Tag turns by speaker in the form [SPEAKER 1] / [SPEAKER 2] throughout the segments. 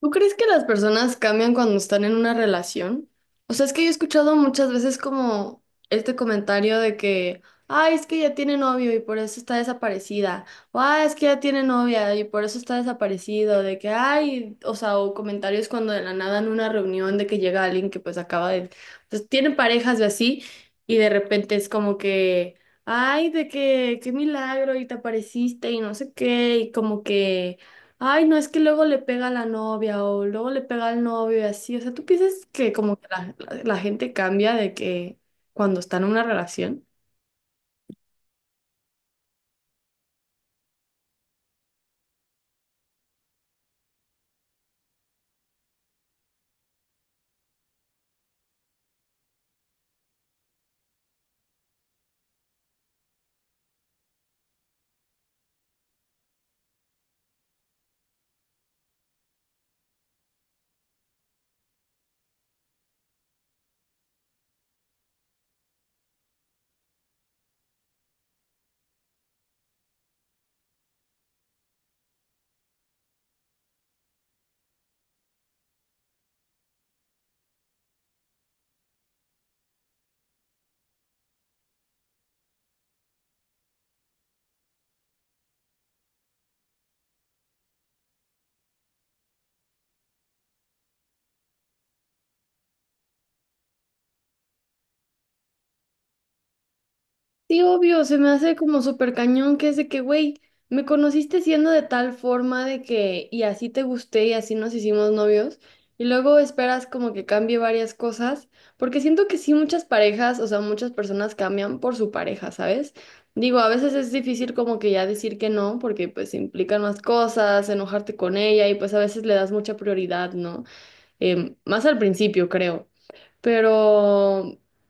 [SPEAKER 1] ¿Tú crees que las personas cambian cuando están en una relación? O sea, es que yo he escuchado muchas veces como este comentario de que, ay, es que ya tiene novio y por eso está desaparecida. O, ay, es que ya tiene novia y por eso está desaparecido. De que, ay, o sea, o comentarios cuando de la nada en una reunión de que llega alguien que pues acaba de, pues tiene parejas y así, y de repente es como que, ay, de que, qué milagro y te apareciste y no sé qué, y como que... Ay, no, es que luego le pega a la novia o luego le pega al novio y así. O sea, ¿tú piensas que como que la gente cambia de que cuando está en una relación? Sí, obvio, se me hace como súper cañón que es de que, güey, me conociste siendo de tal forma de que, y así te gusté y así nos hicimos novios, y luego esperas como que cambie varias cosas, porque siento que sí muchas parejas, o sea, muchas personas cambian por su pareja, ¿sabes? Digo, a veces es difícil como que ya decir que no, porque pues implican más cosas, enojarte con ella, y pues a veces le das mucha prioridad, ¿no? Más al principio, creo. Pero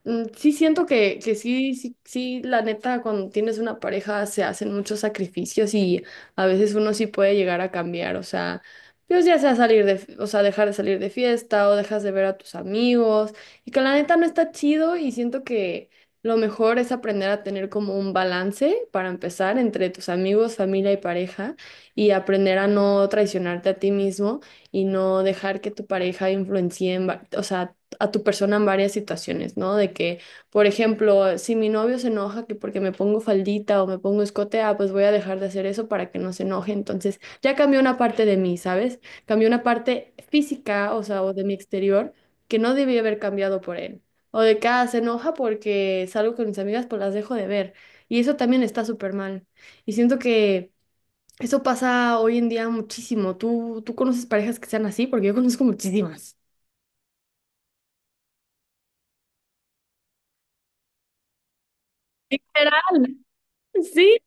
[SPEAKER 1] sí siento que sí, sí, la neta, cuando tienes una pareja se hacen muchos sacrificios y a veces uno sí puede llegar a cambiar, o sea, pues ya sea salir de, o sea, dejar de salir de fiesta o dejas de ver a tus amigos y que la neta no está chido y siento que lo mejor es aprender a tener como un balance para empezar entre tus amigos, familia y pareja y aprender a no traicionarte a ti mismo y no dejar que tu pareja influencie en, o sea, a tu persona en varias situaciones, ¿no? De que, por ejemplo, si mi novio se enoja que porque me pongo faldita o me pongo escote, ah, pues voy a dejar de hacer eso para que no se enoje. Entonces, ya cambió una parte de mí, ¿sabes? Cambió una parte física, o sea, o de mi exterior, que no debía haber cambiado por él. O de que, ah, se enoja porque salgo con mis amigas, pues las dejo de ver. Y eso también está súper mal. Y siento que eso pasa hoy en día muchísimo. ¿Tú conoces parejas que sean así? Porque yo conozco muchísimas. Literal. Sí.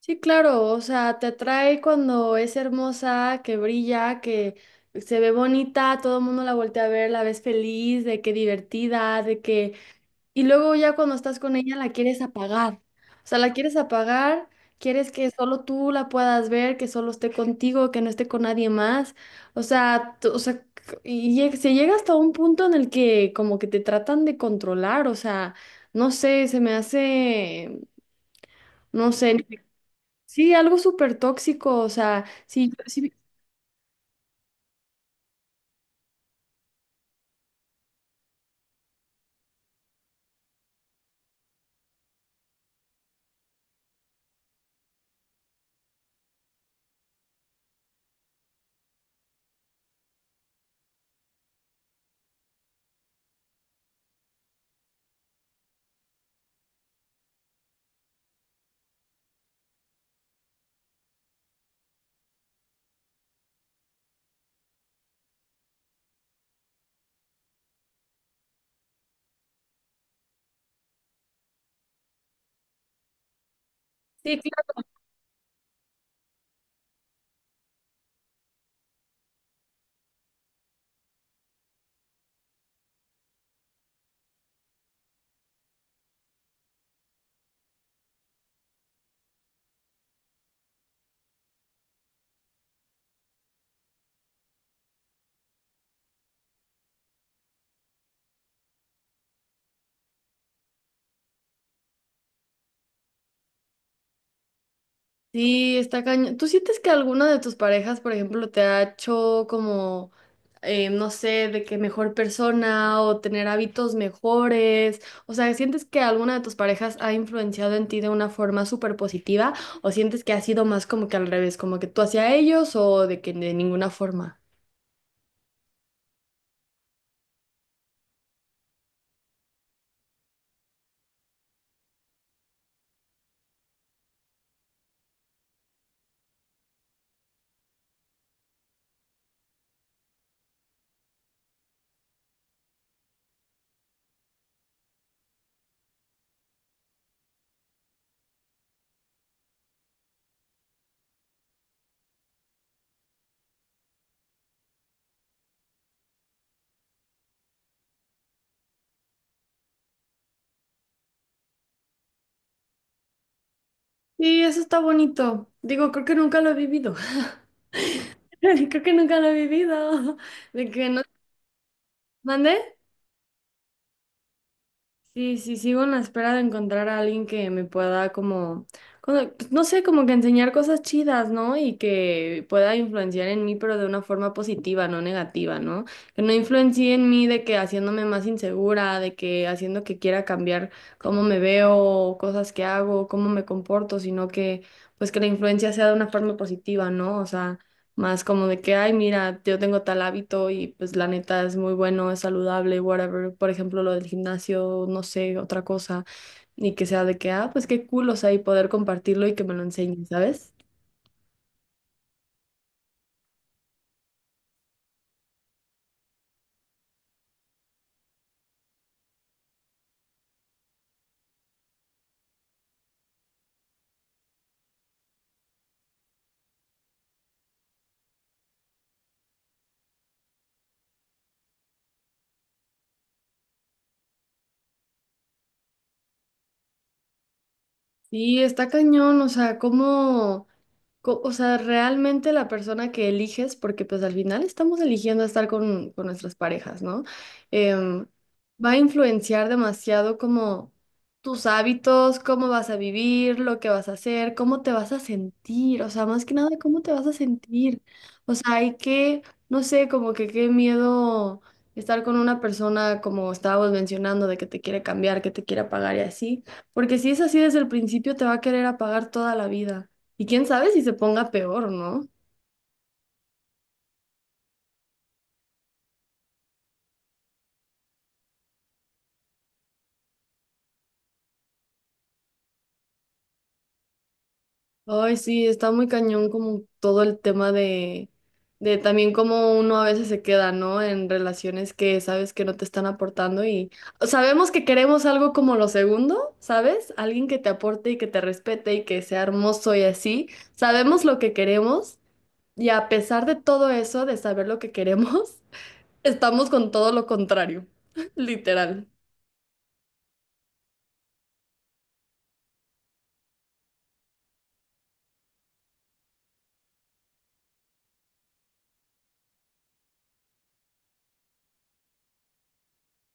[SPEAKER 1] Sí, claro, o sea, te atrae cuando es hermosa, que brilla, que se ve bonita, todo el mundo la voltea a ver, la ves feliz, de que divertida, de que... Y luego ya cuando estás con ella la quieres apagar, o sea, la quieres apagar, quieres que solo tú la puedas ver, que solo esté contigo, que no esté con nadie más, o sea, tú- o sea, se llega hasta un punto en el que como que te tratan de controlar, o sea, no sé, se me hace... No sé. Sí, algo súper tóxico, o sea, sí, sí, sí, claro, sí, está cañón. ¿Tú sientes que alguna de tus parejas, por ejemplo, te ha hecho como, no sé, de que mejor persona o tener hábitos mejores? O sea, ¿sientes que alguna de tus parejas ha influenciado en ti de una forma súper positiva o sientes que ha sido más como que al revés, como que tú hacia ellos o de que de ninguna forma? Sí, eso está bonito. Digo, creo que nunca lo he vivido. Creo que nunca lo he vivido. De que... ¿Mande? Sí, sí, sigo en la espera de encontrar a alguien que me pueda como, pues, no sé, como que enseñar cosas chidas, ¿no? Y que pueda influenciar en mí, pero de una forma positiva, no negativa, ¿no? Que no influencie en mí de que haciéndome más insegura, de que haciendo que quiera cambiar cómo me veo, cosas que hago, cómo me comporto, sino que pues que la influencia sea de una forma positiva, ¿no? O sea... Más como de que, ay, mira, yo tengo tal hábito y pues la neta es muy bueno, es saludable, whatever. Por ejemplo, lo del gimnasio, no sé, otra cosa. Y que sea de que, ah, pues qué cool, o sea, y poder compartirlo y que me lo enseñen, ¿sabes? Sí, está cañón, o sea, cómo, o sea, realmente la persona que eliges, porque pues al final estamos eligiendo estar con nuestras parejas, ¿no? Em, va a influenciar demasiado como tus hábitos, cómo vas a vivir, lo que vas a hacer, cómo te vas a sentir, o sea, más que nada, cómo te vas a sentir. O sea, hay que, no sé, como que qué miedo estar con una persona como estábamos mencionando, de que te quiere cambiar, que te quiere pagar y así. Porque si es así desde el principio, te va a querer apagar toda la vida. Y quién sabe si se ponga peor, ¿no? Ay, sí, está muy cañón como todo el tema de también cómo uno a veces se queda, ¿no? En relaciones que sabes que no te están aportando y sabemos que queremos algo como lo segundo, ¿sabes? Alguien que te aporte y que te respete y que sea hermoso y así. Sabemos lo que queremos y a pesar de todo eso, de saber lo que queremos, estamos con todo lo contrario, literal.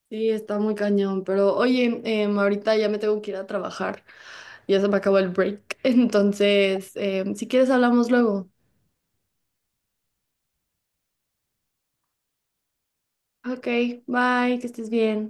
[SPEAKER 1] Sí, está muy cañón, pero oye, ahorita ya me tengo que ir a trabajar, ya se me acabó el break, entonces, si quieres hablamos luego. Ok, bye, que estés bien.